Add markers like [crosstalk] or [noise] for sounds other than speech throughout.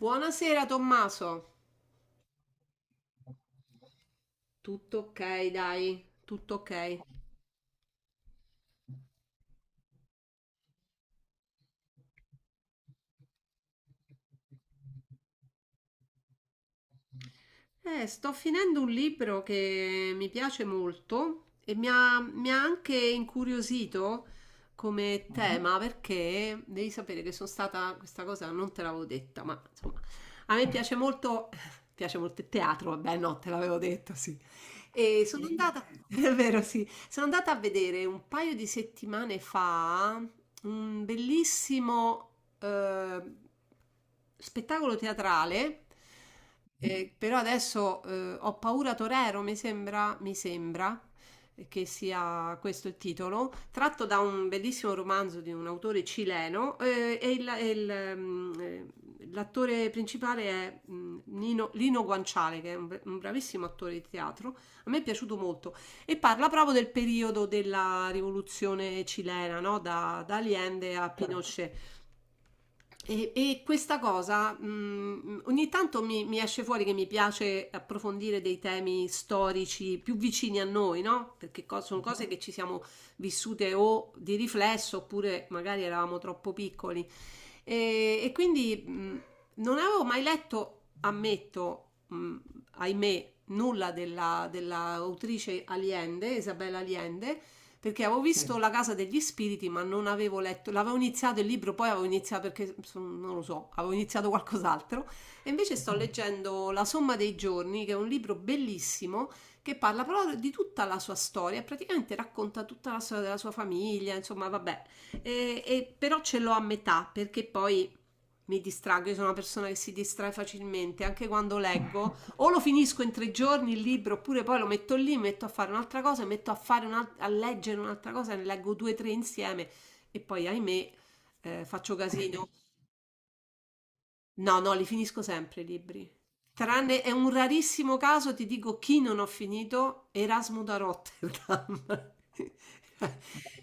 Buonasera Tommaso. Tutto ok, dai, tutto ok. Sto finendo un libro che mi piace molto e mi ha anche incuriosito come, mhm, tema, perché devi sapere che sono stata, questa cosa non te l'avevo detta, ma insomma, a me piace molto, [laughs] piace molto il teatro, vabbè, no, te l'avevo detto, sì. E sono, sì, andata, [laughs] è vero, sì, sono andata a vedere un paio di settimane fa un bellissimo eh, spettacolo teatrale. Però adesso ho paura Torero, mi sembra che sia questo il titolo, tratto da un bellissimo romanzo di un autore cileno. L'attore principale è Lino Guanciale, che è un bravissimo attore di teatro. A me è piaciuto molto e parla proprio del periodo della rivoluzione cilena, no? Da Allende a Pinochet. E questa cosa ogni tanto mi esce fuori che mi piace approfondire dei temi storici più vicini a noi, no? Perché sono cose che ci siamo vissute o di riflesso, oppure magari eravamo troppo piccoli. E quindi non avevo mai letto, ammetto, ahimè, nulla della autrice Allende, Isabella Allende, perché avevo visto, sì, La casa degli spiriti, ma non avevo letto, l'avevo iniziato il libro, poi avevo iniziato, perché non lo so, avevo iniziato qualcos'altro, e invece sto leggendo La somma dei giorni, che è un libro bellissimo che parla proprio di tutta la sua storia, praticamente racconta tutta la storia della sua famiglia, insomma, vabbè, però ce l'ho a metà, perché poi mi distraggo. Io sono una persona che si distrae facilmente, anche quando leggo. O lo finisco in 3 giorni il libro, oppure poi lo metto lì, metto a fare un'altra cosa, metto a leggere un'altra cosa, ne leggo due o tre insieme e poi, ahimè, faccio casino. No, no, li finisco sempre i libri. Tranne è un rarissimo caso, ti dico chi non ho finito: Erasmo da Rotterdam. [laughs]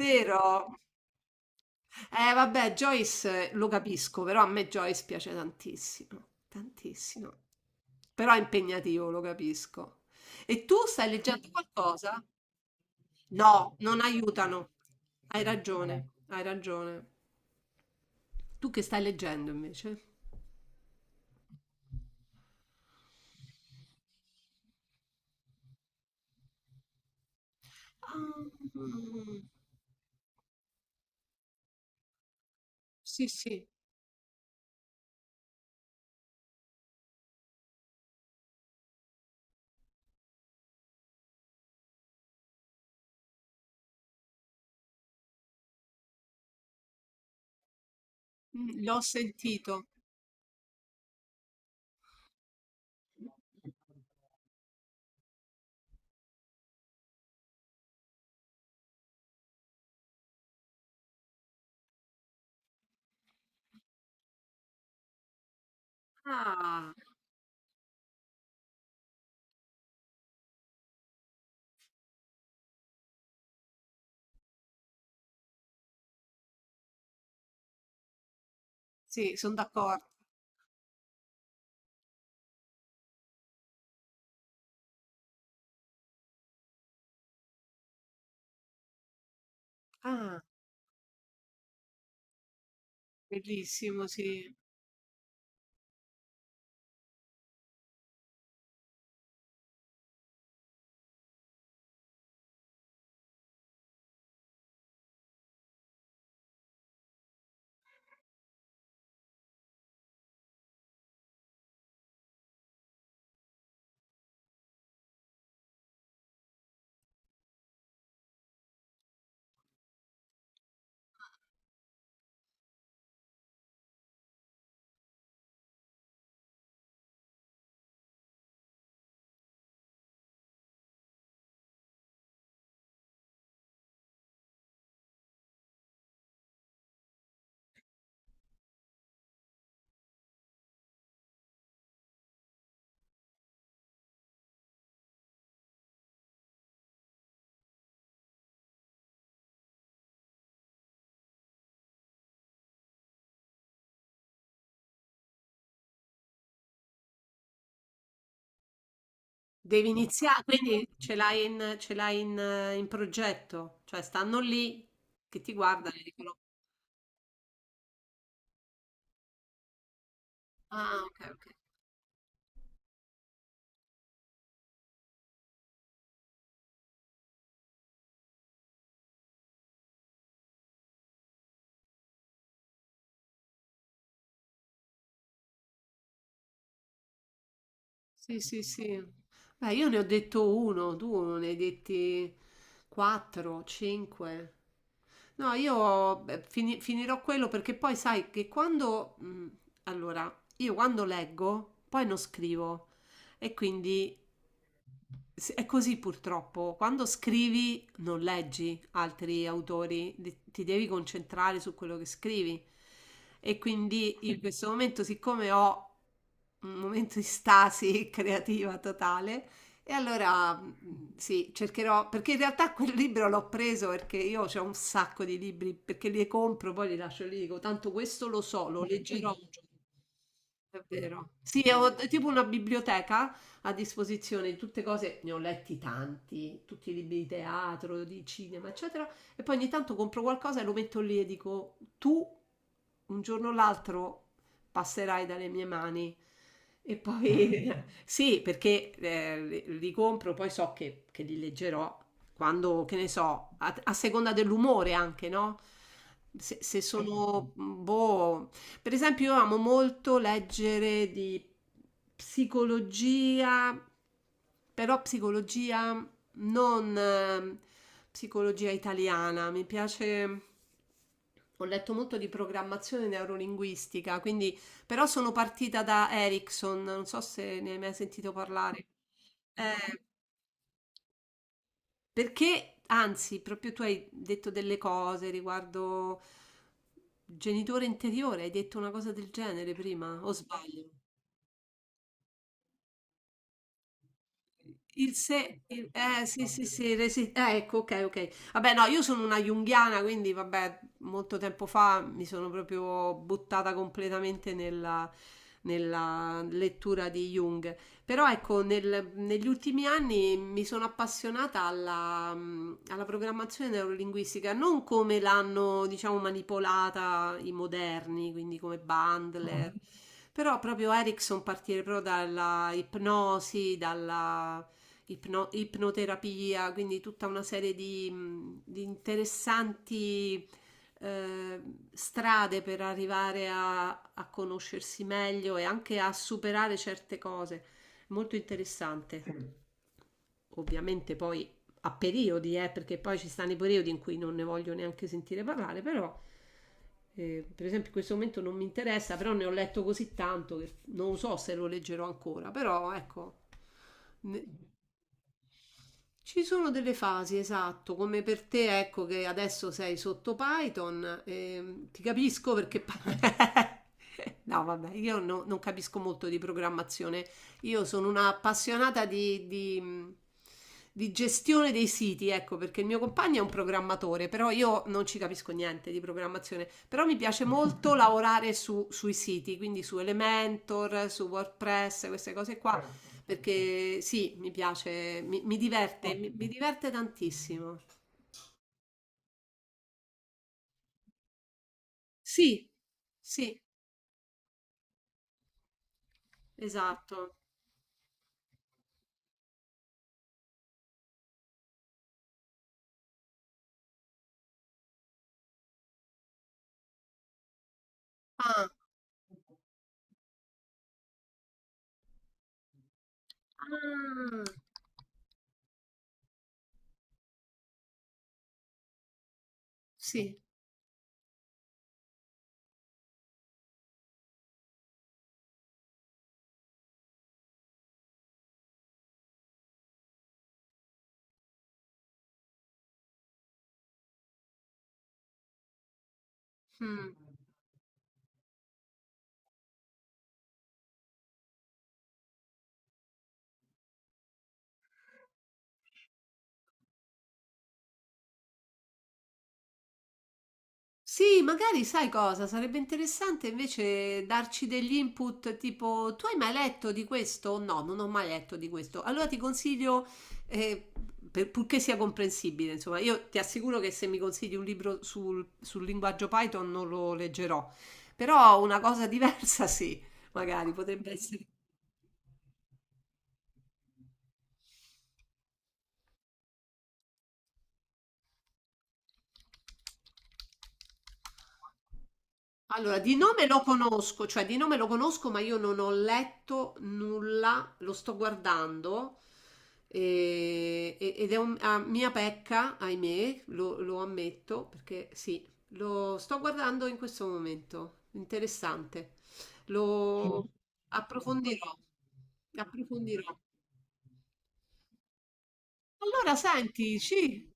Vero? Vabbè, Joyce, lo capisco, però a me Joyce piace tantissimo, tantissimo. Però è impegnativo, lo capisco. E tu stai leggendo qualcosa? No, non aiutano. Hai ragione, hai ragione. Tu che stai leggendo invece? Ah, sì, sì, l'ho sentito. Ah, sì, sono d'accordo. Ah, bellissimo, sì. Devi iniziare, quindi ce l'hai in in progetto, cioè stanno lì che ti guardano e dicono, ah, ok, ok. Sì, sì, sì. Beh, io ne ho detto uno, tu ne hai detti quattro, cinque. No, io beh, finirò quello, perché poi sai che quando, allora, io quando leggo, poi non scrivo e quindi. Sì, è così purtroppo, quando scrivi non leggi altri autori, ti devi concentrare su quello che scrivi. E quindi in questo momento, siccome ho un momento di stasi [laughs] creativa totale, e allora sì, cercherò, perché in realtà quel libro l'ho preso perché io ho un sacco di libri, perché li compro, poi li lascio lì, dico, tanto questo lo so, lo leggerò un giorno. È vero. Sì, ho tipo una biblioteca a disposizione di tutte cose, ne ho letti tanti, tutti i libri di teatro, di cinema, eccetera, e poi ogni tanto compro qualcosa e lo metto lì e dico, tu un giorno o l'altro passerai dalle mie mani. E poi [laughs] sì, perché li compro, poi so che li leggerò quando, che ne so, a seconda dell'umore anche, no? Se sono boh, per esempio, io amo molto leggere di psicologia, però psicologia non, psicologia italiana, mi piace. Ho letto molto di programmazione neurolinguistica, quindi però sono partita da Erickson, non so se ne hai mai sentito parlare. Eh, perché, anzi, proprio tu hai detto delle cose riguardo genitore interiore, hai detto una cosa del genere prima, o sbaglio? Il se, sì, sì, sì, ecco, ok, ok. Vabbè, no, io sono una junghiana, quindi vabbè, molto tempo fa mi sono proprio buttata completamente nella lettura di Jung. Però ecco, negli ultimi anni mi sono appassionata alla programmazione neurolinguistica, non come l'hanno, diciamo, manipolata i moderni, quindi come Bandler, mhm, però proprio Erickson, partire proprio dalla ipnosi, dalla ipnoterapia, quindi tutta una serie di interessanti eh, strade per arrivare a conoscersi meglio e anche a superare certe cose. Molto interessante. Ovviamente poi a periodi, perché poi ci stanno i periodi in cui non ne voglio neanche sentire parlare, però per esempio in questo momento non mi interessa, però ne ho letto così tanto che non so se lo leggerò ancora, però ecco, ne- ci sono delle fasi, esatto, come per te, ecco che adesso sei sotto Python, ti capisco perché. [laughs] No, vabbè, io non capisco molto di programmazione, io sono una appassionata di gestione dei siti, ecco, perché il mio compagno è un programmatore, però io non ci capisco niente di programmazione, però mi piace molto lavorare sui siti, quindi su Elementor, su WordPress, queste cose qua, perché sì, mi piace, mi diverte, mi diverte tantissimo. Sì, sì, esatto. Ah, ah, sì. Mm. Sì, magari sai cosa? Sarebbe interessante invece darci degli input, tipo tu hai mai letto di questo? No, non ho mai letto di questo. Allora ti consiglio, eh, purché sia comprensibile, insomma, io ti assicuro che se mi consigli un libro sul linguaggio Python non lo leggerò, però una cosa [laughs] diversa sì, magari potrebbe essere. Allora, di nome lo conosco, cioè di nome lo conosco, ma io non ho letto nulla, lo sto guardando ed è una mia pecca, ahimè, lo ammetto, perché sì, lo sto guardando in questo momento, interessante, lo approfondirò, approfondirò. Allora, senti, sì,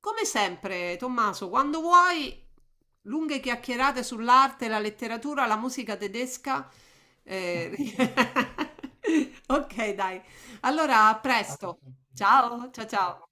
come sempre, Tommaso, quando vuoi, lunghe chiacchierate sull'arte, la letteratura, la musica tedesca. eh, [laughs] Ok, dai. Allora, a presto. Ciao, ciao, ciao.